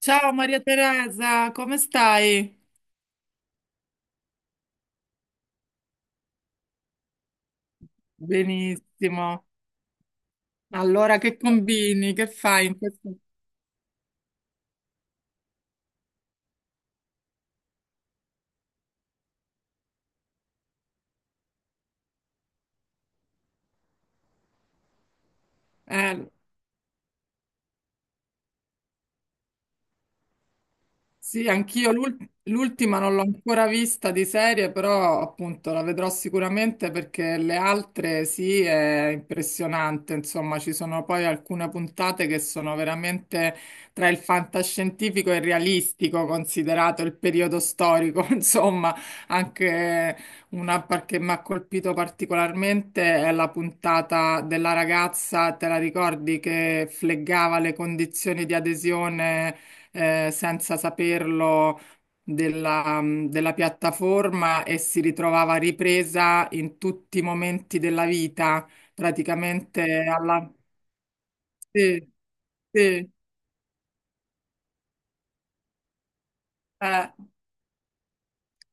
Ciao Maria Teresa, come stai? Benissimo. Allora, che combini? Che fai in questo... Eh, Sì, anch'io l'ultima non l'ho ancora vista di serie, però appunto la vedrò sicuramente perché le altre sì, è impressionante, insomma, ci sono poi alcune puntate che sono veramente tra il fantascientifico e il realistico, considerato il periodo storico, insomma, anche che mi ha colpito particolarmente è la puntata della ragazza, te la ricordi, che fleggava le condizioni di adesione? Eh, senza saperlo della piattaforma e si ritrovava ripresa in tutti i momenti della vita, praticamente alla... Sì, sì, eh.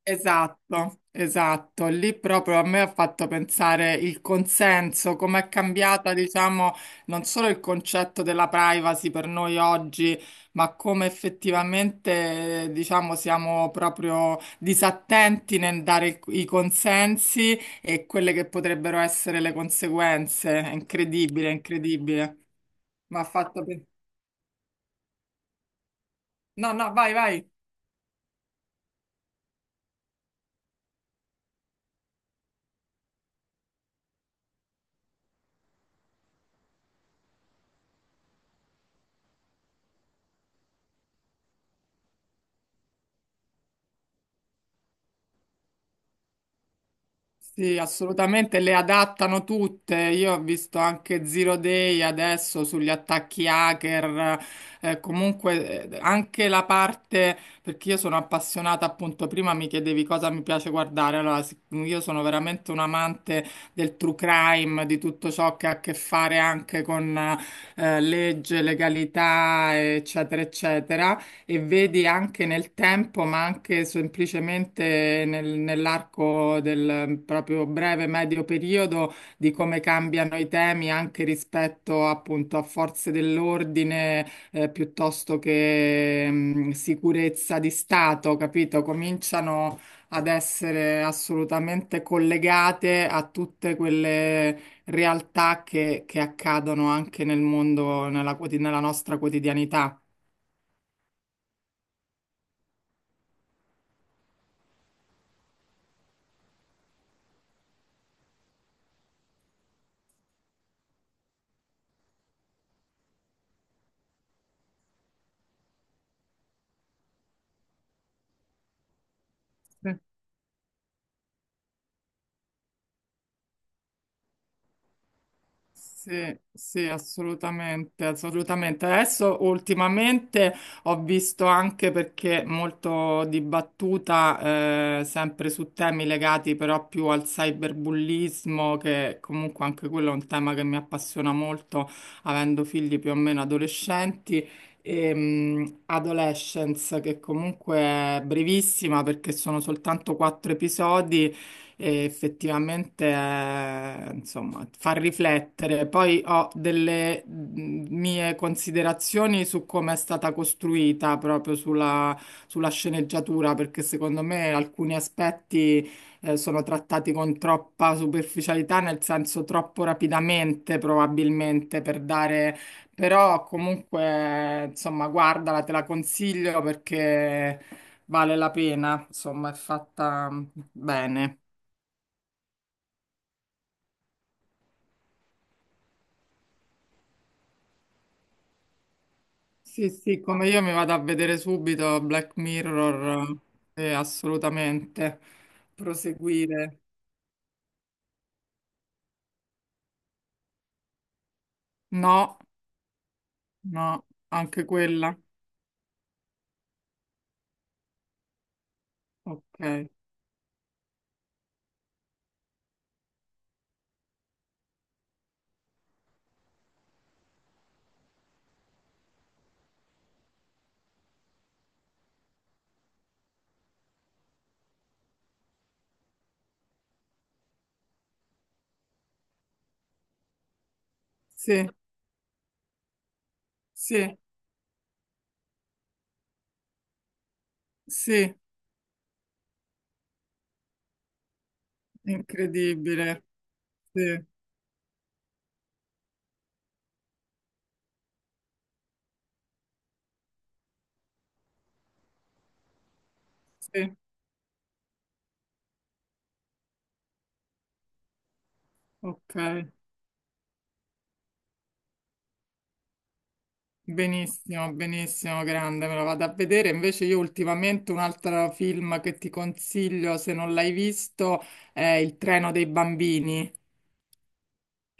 Esatto, esatto. Lì proprio a me ha fatto pensare il consenso, come è cambiata, diciamo, non solo il concetto della privacy per noi oggi, ma come effettivamente, diciamo, siamo proprio disattenti nel dare i consensi e quelle che potrebbero essere le conseguenze. È incredibile, è incredibile. Ma ha fatto pensare. No, no, vai, vai. Sì, assolutamente, le adattano tutte. Io ho visto anche Zero Day adesso sugli attacchi hacker, comunque anche la parte, perché io sono appassionata, appunto, prima mi chiedevi cosa mi piace guardare, allora io sono veramente un amante del true crime, di tutto ciò che ha a che fare anche con legge, legalità, eccetera, eccetera, e vedi anche nel tempo, ma anche semplicemente nell'arco del proprio breve medio periodo, di come cambiano i temi anche rispetto appunto a forze dell'ordine, piuttosto che sicurezza di Stato, capito? Cominciano ad essere assolutamente collegate a tutte quelle realtà che accadono anche nel mondo, nella nella nostra quotidianità. Sì, sì, assolutamente, assolutamente. Adesso ultimamente ho visto anche perché molto dibattuta, sempre su temi legati però più al cyberbullismo, che comunque anche quello è un tema che mi appassiona molto, avendo figli più o meno adolescenti. E, Adolescence, che comunque è brevissima perché sono soltanto quattro episodi e effettivamente insomma fa riflettere. Poi ho delle mie considerazioni su come è stata costruita proprio sulla, sulla sceneggiatura, perché secondo me alcuni aspetti sono trattati con troppa superficialità, nel senso troppo rapidamente probabilmente per dare... Però comunque, insomma, guardala, te la consiglio perché vale la pena, insomma, è fatta bene. Sì, sì, come io mi vado a vedere subito Black Mirror, assolutamente. Proseguire. No, no, anche quella. Ok. Sì, sì, sì, incredibile. Sì, sì, ok. Benissimo, benissimo, grande, me lo vado a vedere. Invece io ultimamente un altro film che ti consiglio, se non l'hai visto, è Il treno dei bambini.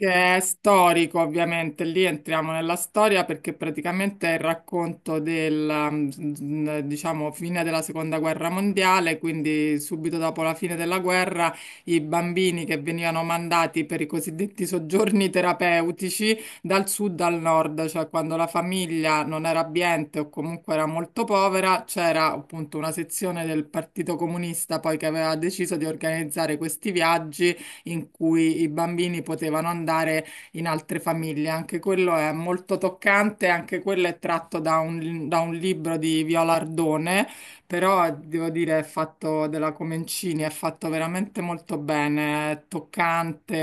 Che è storico, ovviamente, lì entriamo nella storia perché praticamente è il racconto del, mm, diciamo, fine della seconda guerra mondiale, quindi subito dopo la fine della guerra i bambini che venivano mandati per i cosiddetti soggiorni terapeutici dal sud al nord, cioè quando la famiglia non era abbiente o comunque era molto povera, c'era appunto una sezione del Partito Comunista poi che aveva deciso di organizzare questi viaggi in cui i bambini potevano andare in altre famiglie. Anche quello è molto toccante, anche quello è tratto da un libro di Viola Ardone, però devo dire è fatto della Comencini, è fatto veramente molto bene, è toccante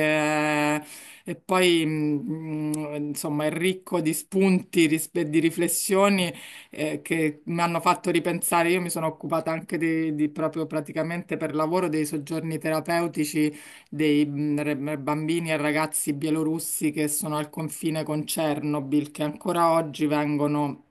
e poi insomma è ricco di spunti, e di riflessioni che mi hanno fatto ripensare. Io mi sono occupata anche di proprio praticamente per lavoro dei soggiorni terapeutici dei bambini e ragazzi bielorussi che sono al confine con Chernobyl, che ancora oggi vengono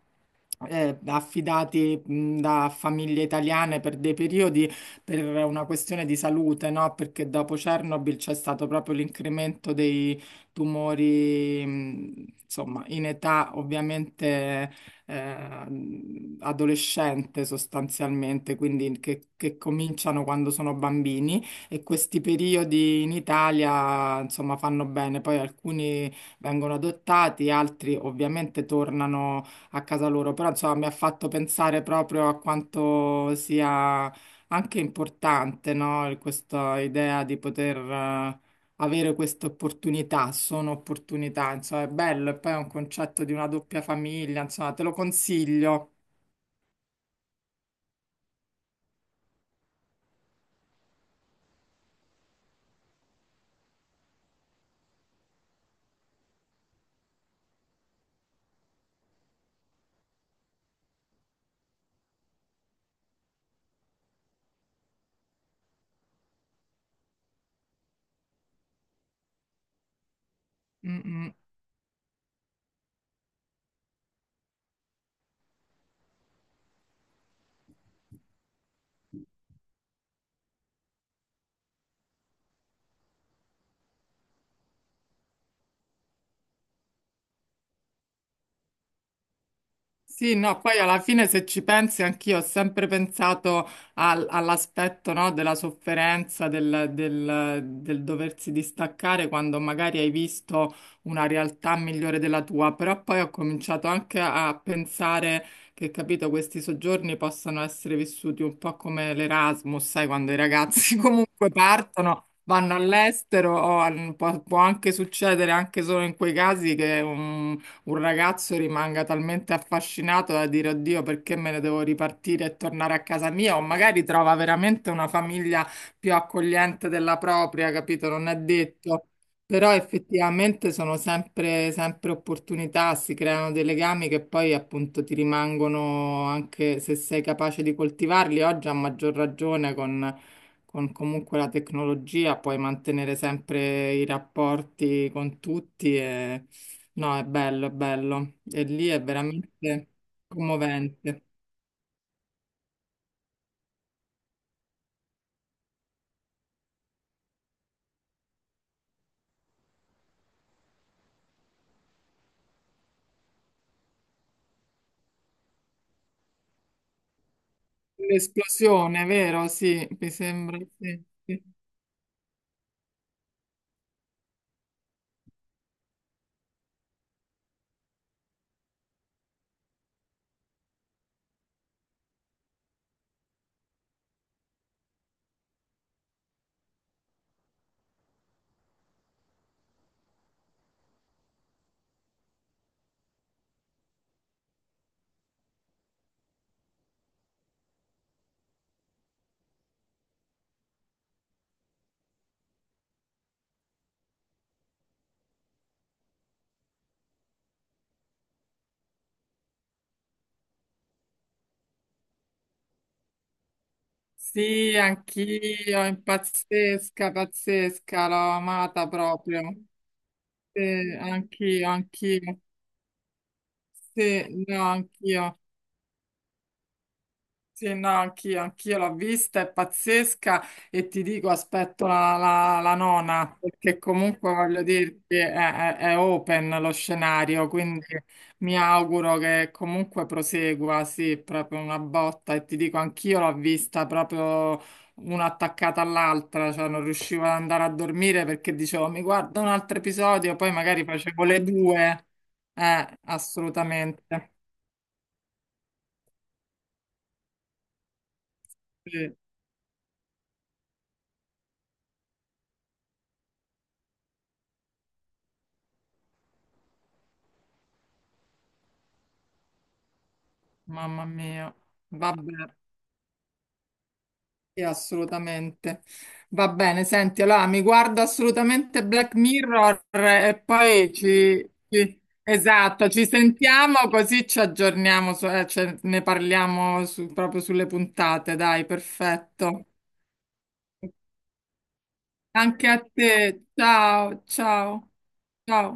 affidati da famiglie italiane per dei periodi per una questione di salute, no? Perché dopo Chernobyl c'è stato proprio l'incremento dei tumori, insomma, in età ovviamente eh, adolescente sostanzialmente, quindi che cominciano quando sono bambini e questi periodi in Italia, insomma, fanno bene. Poi alcuni vengono adottati, altri ovviamente tornano a casa loro, però insomma mi ha fatto pensare proprio a quanto sia anche importante, no? Questa idea di poter avere queste opportunità, sono opportunità, insomma è bello e poi è un concetto di una doppia famiglia, insomma te lo consiglio. Mm, mm. Sì, no, poi alla fine se ci pensi anch'io ho sempre pensato all'aspetto, no, della sofferenza, del doversi distaccare quando magari hai visto una realtà migliore della tua, però poi ho cominciato anche a pensare che, capito, questi soggiorni possano essere vissuti un po' come l'Erasmus, sai, quando i ragazzi comunque partono. Vanno all'estero, o può, può anche succedere anche solo in quei casi che un ragazzo rimanga talmente affascinato da dire oddio, perché me ne devo ripartire e tornare a casa mia? O magari trova veramente una famiglia più accogliente della propria, capito? Non è detto. Però effettivamente sono sempre, sempre opportunità, si creano dei legami che poi appunto ti rimangono anche se sei capace di coltivarli. Oggi a maggior ragione con comunque la tecnologia puoi mantenere sempre i rapporti con tutti. No, è bello, è bello. E lì è veramente commovente. L'esplosione, vero? Sì, mi sembra. Sì, sì. Sì, anch'io, è pazzesca, pazzesca, l'ho amata proprio. Sì, anch'io, anch'io. Sì, no, anch'io. Sì, no, anch'io, anch'io l'ho vista, è pazzesca e ti dico, aspetto la, la nona, perché comunque voglio dirti, è, è open lo scenario, quindi mi auguro che comunque prosegua, sì, proprio una botta e ti dico, anch'io l'ho vista proprio una attaccata all'altra, cioè non riuscivo ad andare a dormire perché dicevo, mi guardo un altro episodio, poi magari facevo le 2, assolutamente, sì, mamma mia, vabbè. Sì, assolutamente. Va bene, senti, allora mi guardo assolutamente Black Mirror e poi esatto, ci sentiamo così ci aggiorniamo, ne parliamo proprio sulle puntate, dai, perfetto. Anche a te, ciao, ciao, ciao.